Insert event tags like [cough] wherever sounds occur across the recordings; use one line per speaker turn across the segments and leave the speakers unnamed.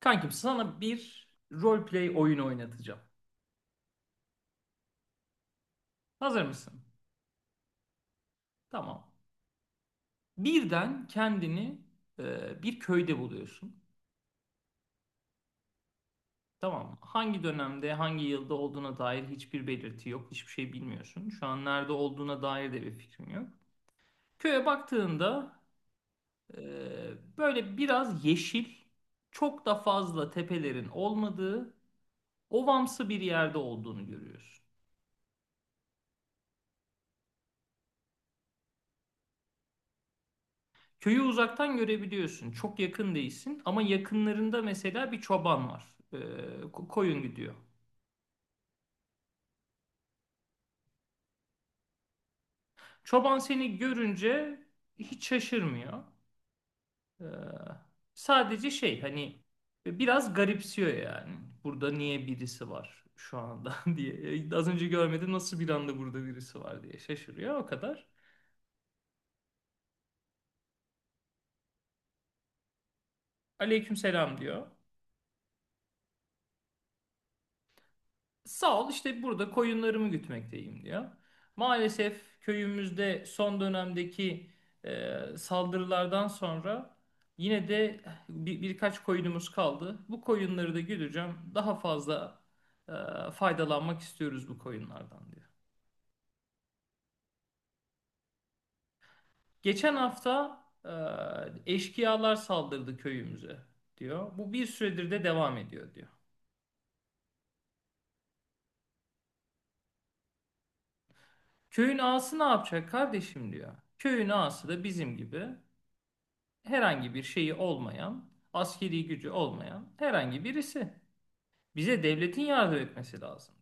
Kankim sana bir roleplay oyunu oynatacağım. Hazır mısın? Tamam. Birden kendini bir köyde buluyorsun. Tamam mı? Hangi dönemde, hangi yılda olduğuna dair hiçbir belirti yok. Hiçbir şey bilmiyorsun. Şu an nerede olduğuna dair de bir fikrin yok. Köye baktığında e, böyle biraz yeşil, çok da fazla tepelerin olmadığı, ovamsı bir yerde olduğunu görüyorsun. Köyü uzaktan görebiliyorsun. Çok yakın değilsin ama yakınlarında mesela bir çoban var. Koyun gidiyor. Çoban seni görünce hiç şaşırmıyor. Ee, Sadece şey hani biraz garipsiyor yani. Burada niye birisi var şu anda [laughs] diye. Az önce görmedi, nasıl bir anda burada birisi var diye şaşırıyor o kadar. Aleykümselam diyor. Sağ ol, işte burada koyunlarımı gütmekteyim diyor. Maalesef köyümüzde son dönemdeki saldırılardan sonra yine de birkaç koyunumuz kaldı. Bu koyunları da güdeceğim. Daha fazla e, faydalanmak istiyoruz bu koyunlardan diyor. Geçen hafta eşkıyalar saldırdı köyümüze diyor. Bu bir süredir de devam ediyor diyor. Köyün ağası ne yapacak kardeşim diyor. Köyün ağası da bizim gibi, herhangi bir şeyi olmayan, askeri gücü olmayan herhangi birisi. Bize devletin yardım etmesi lazım.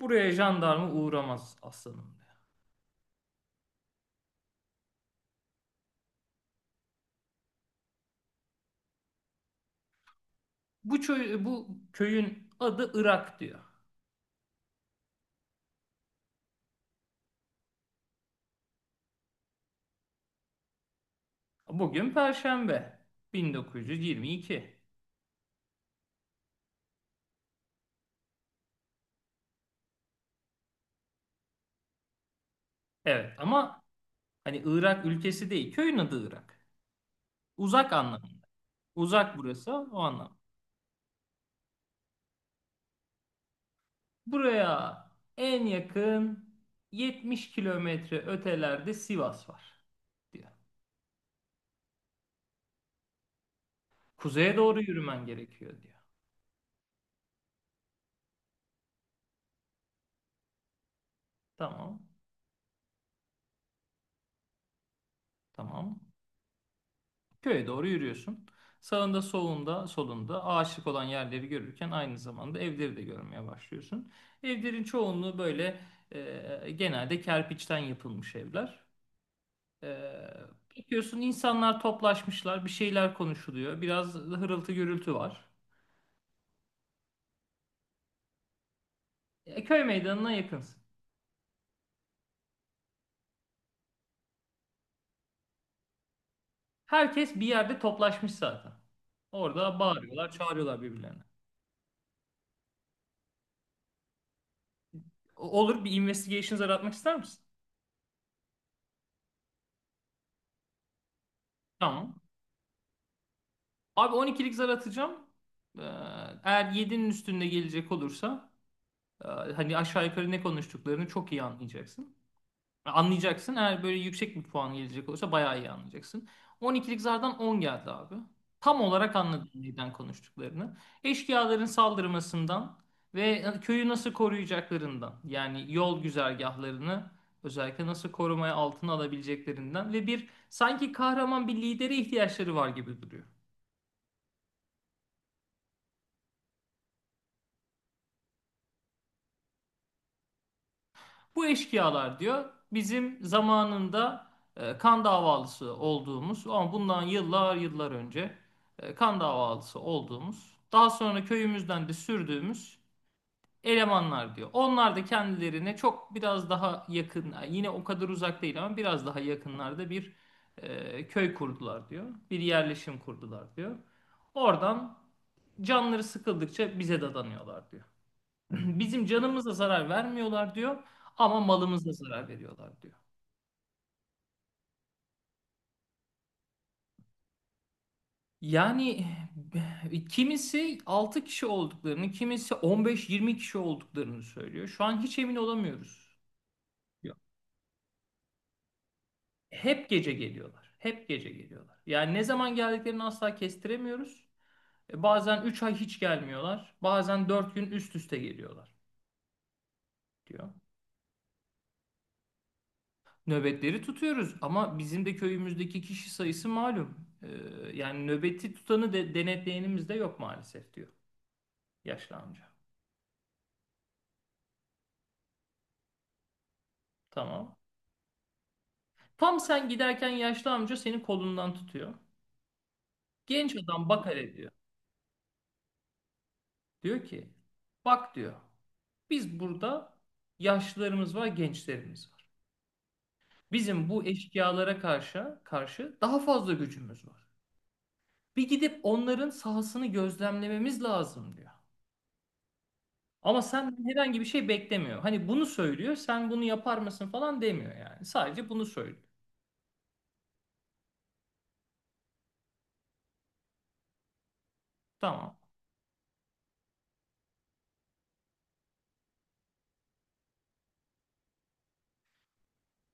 Buraya jandarma uğramaz aslanım diyor. Bu köyün adı Irak diyor. Bugün Perşembe, 1922. Evet ama hani Irak ülkesi değil, köyün adı Irak. Uzak anlamında. Uzak, burası o anlam. Buraya en yakın 70 kilometre ötelerde Sivas var diyor. Kuzeye doğru yürümen gerekiyor diyor. Tamam, tamam. Köye doğru yürüyorsun. Sağında, solunda, ağaçlık olan yerleri görürken aynı zamanda evleri de görmeye başlıyorsun. Evlerin çoğunluğu böyle genelde kerpiçten yapılmış evler. E, Bakıyorsun, insanlar toplaşmışlar, bir şeyler konuşuluyor. Biraz hırıltı gürültü var. Köy meydanına yakınsın. Herkes bir yerde toplaşmış zaten. Orada bağırıyorlar, çağırıyorlar birbirlerine. Olur, bir investigations aratmak ister misin? Tamam. Abi 12'lik zar atacağım. Ee, Eğer 7'nin üstünde gelecek olursa hani aşağı yukarı ne konuştuklarını çok iyi anlayacaksın. Anlayacaksın. Eğer böyle yüksek bir puan gelecek olursa bayağı iyi anlayacaksın. 12'lik zardan 10 geldi abi. Tam olarak anladım neden konuştuklarını. Eşkıyaların saldırmasından ve köyü nasıl koruyacaklarından, yani yol güzergahlarını özellikle nasıl korumaya altına alabileceklerinden ve bir sanki kahraman bir lidere ihtiyaçları var gibi duruyor. Bu eşkıyalar diyor, bizim zamanında kan davalısı olduğumuz ama bundan yıllar yıllar önce kan davalısı olduğumuz, daha sonra köyümüzden de sürdüğümüz elemanlar diyor. Onlar da kendilerine çok biraz daha yakın, yani yine o kadar uzak değil ama biraz daha yakınlarda bir köy kurdular diyor. Bir yerleşim kurdular diyor. Oradan canları sıkıldıkça bize dadanıyorlar diyor. [laughs] Bizim canımıza zarar vermiyorlar diyor, ama malımıza zarar veriyorlar diyor. Yani [sighs] kimisi 6 kişi olduklarını, kimisi 15, 20 kişi olduklarını söylüyor. Şu an hiç emin olamıyoruz diyor. Hep gece geliyorlar. Hep gece geliyorlar. Yani ne zaman geldiklerini asla kestiremiyoruz. Bazen 3 ay hiç gelmiyorlar. Bazen 4 gün üst üste geliyorlar diyor. Nöbetleri tutuyoruz ama bizim de köyümüzdeki kişi sayısı malum. Yani nöbeti tutanı de, denetleyenimiz de yok maalesef diyor yaşlı amca. Tamam. Tam sen giderken yaşlı amca senin kolundan tutuyor. Genç adam bakar ediyor. Diyor ki, bak diyor, biz burada yaşlılarımız var, gençlerimiz var. Bizim bu eşkıyalara karşı daha fazla gücümüz var. Bir gidip onların sahasını gözlemlememiz lazım diyor. Ama senden herhangi bir şey beklemiyor. Hani bunu söylüyor, sen bunu yapar mısın falan demiyor yani. Sadece bunu söylüyor. Tamam.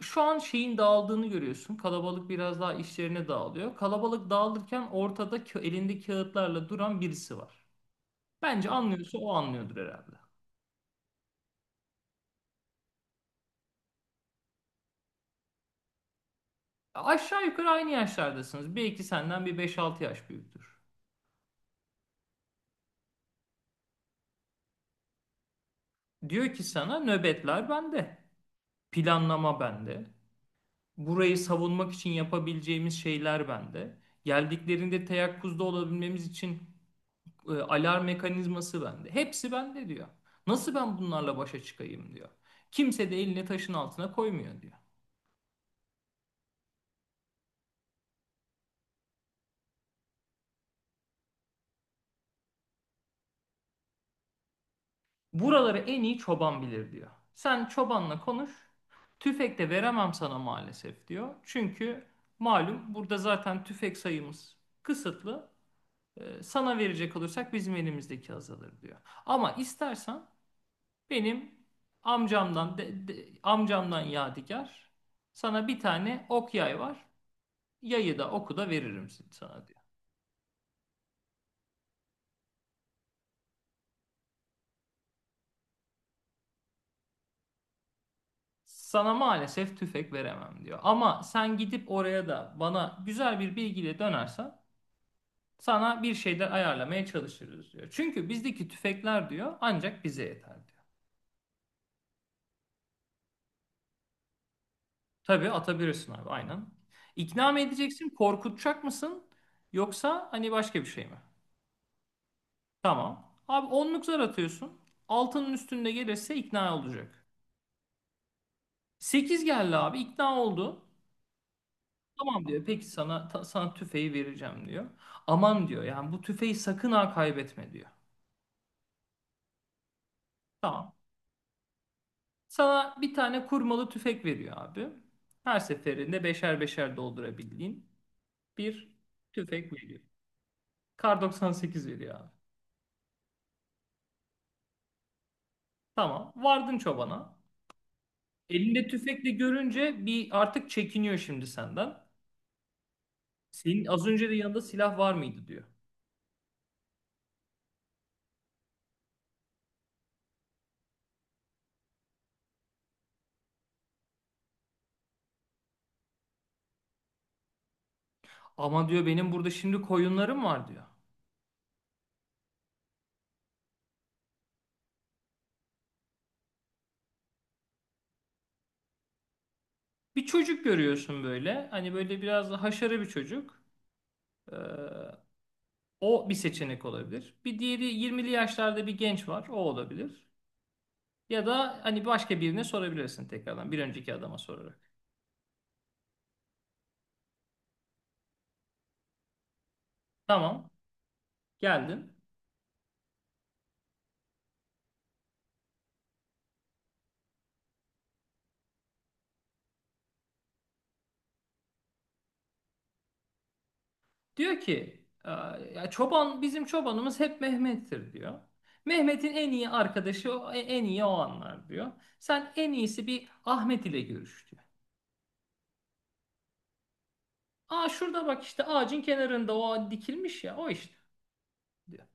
Şu an şeyin dağıldığını görüyorsun. Kalabalık biraz daha işlerine dağılıyor. Kalabalık dağılırken ortada elinde kağıtlarla duran birisi var. Bence anlıyorsa o anlıyordur herhalde. Aşağı yukarı aynı yaşlardasınız. Belki senden bir 5-6 yaş büyüktür. Diyor ki sana, nöbetler bende. Planlama bende. Burayı savunmak için yapabileceğimiz şeyler bende. Geldiklerinde teyakkuzda olabilmemiz için alarm mekanizması bende. Hepsi bende diyor. Nasıl ben bunlarla başa çıkayım diyor. Kimse de elini taşın altına koymuyor diyor. Buraları en iyi çoban bilir diyor. Sen çobanla konuş. Tüfek de veremem sana maalesef diyor. Çünkü malum, burada zaten tüfek sayımız kısıtlı. Sana verecek olursak bizim elimizdeki azalır diyor. Ama istersen benim amcamdan, Yadigar, sana bir tane ok yay var. Yayı da oku da veririm sana diyor. Sana maalesef tüfek veremem diyor. Ama sen gidip oraya da bana güzel bir bilgiyle dönersen sana bir şeyler ayarlamaya çalışırız diyor. Çünkü bizdeki tüfekler diyor ancak bize yeter diyor. Tabii atabilirsin abi, aynen. İkna mı edeceksin, korkutacak mısın, yoksa hani başka bir şey mi? Tamam. Abi 10'luk zar atıyorsun. Altının üstünde gelirse ikna olacak. 8 geldi abi, ikna oldu. Tamam diyor. Peki sana ta- sana tüfeği vereceğim diyor. Aman diyor, yani bu tüfeği sakın ha kaybetme diyor. Tamam. Sana bir tane kurmalı tüfek veriyor abi. Her seferinde beşer beşer doldurabildiğin bir tüfek veriyor. Kar 98 veriyor abi. Tamam. Vardın çobana. Elinde tüfekle görünce bir artık çekiniyor şimdi senden. Senin az önce de yanında silah var mıydı diyor. Ama diyor, benim burada şimdi koyunlarım var diyor. Bir çocuk görüyorsun böyle. Hani böyle biraz da haşarı bir çocuk. Ee, O bir seçenek olabilir. Bir diğeri, 20'li yaşlarda bir genç var. O olabilir. Ya da hani başka birine sorabilirsin tekrardan. Bir önceki adama sorarak. Tamam, geldin. Diyor ki, Ya çoban, bizim çobanımız hep Mehmet'tir diyor. Mehmet'in en iyi arkadaşı, en iyi o anlar diyor. Sen en iyisi bir Ahmet ile görüş diyor. Aa şurada bak işte, ağacın kenarında o dikilmiş ya, o işte diyor.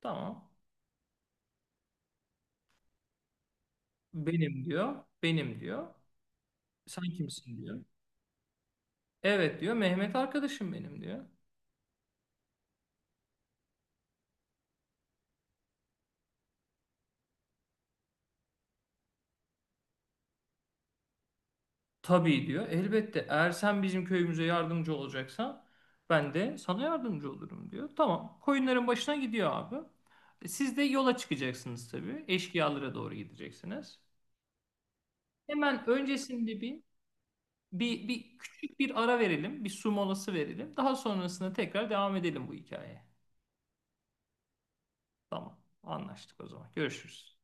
Tamam. Benim diyor. Benim diyor. Sen kimsin diyor. Evet diyor. Mehmet arkadaşım benim diyor. Tabii diyor. Elbette eğer sen bizim köyümüze yardımcı olacaksan ben de sana yardımcı olurum diyor. Tamam. Koyunların başına gidiyor abi. Siz de yola çıkacaksınız tabii. Eşkıyalara doğru gideceksiniz. Hemen öncesinde bir küçük bir ara verelim. Bir su molası verelim. Daha sonrasında tekrar devam edelim bu hikayeye. Tamam. Anlaştık o zaman. Görüşürüz.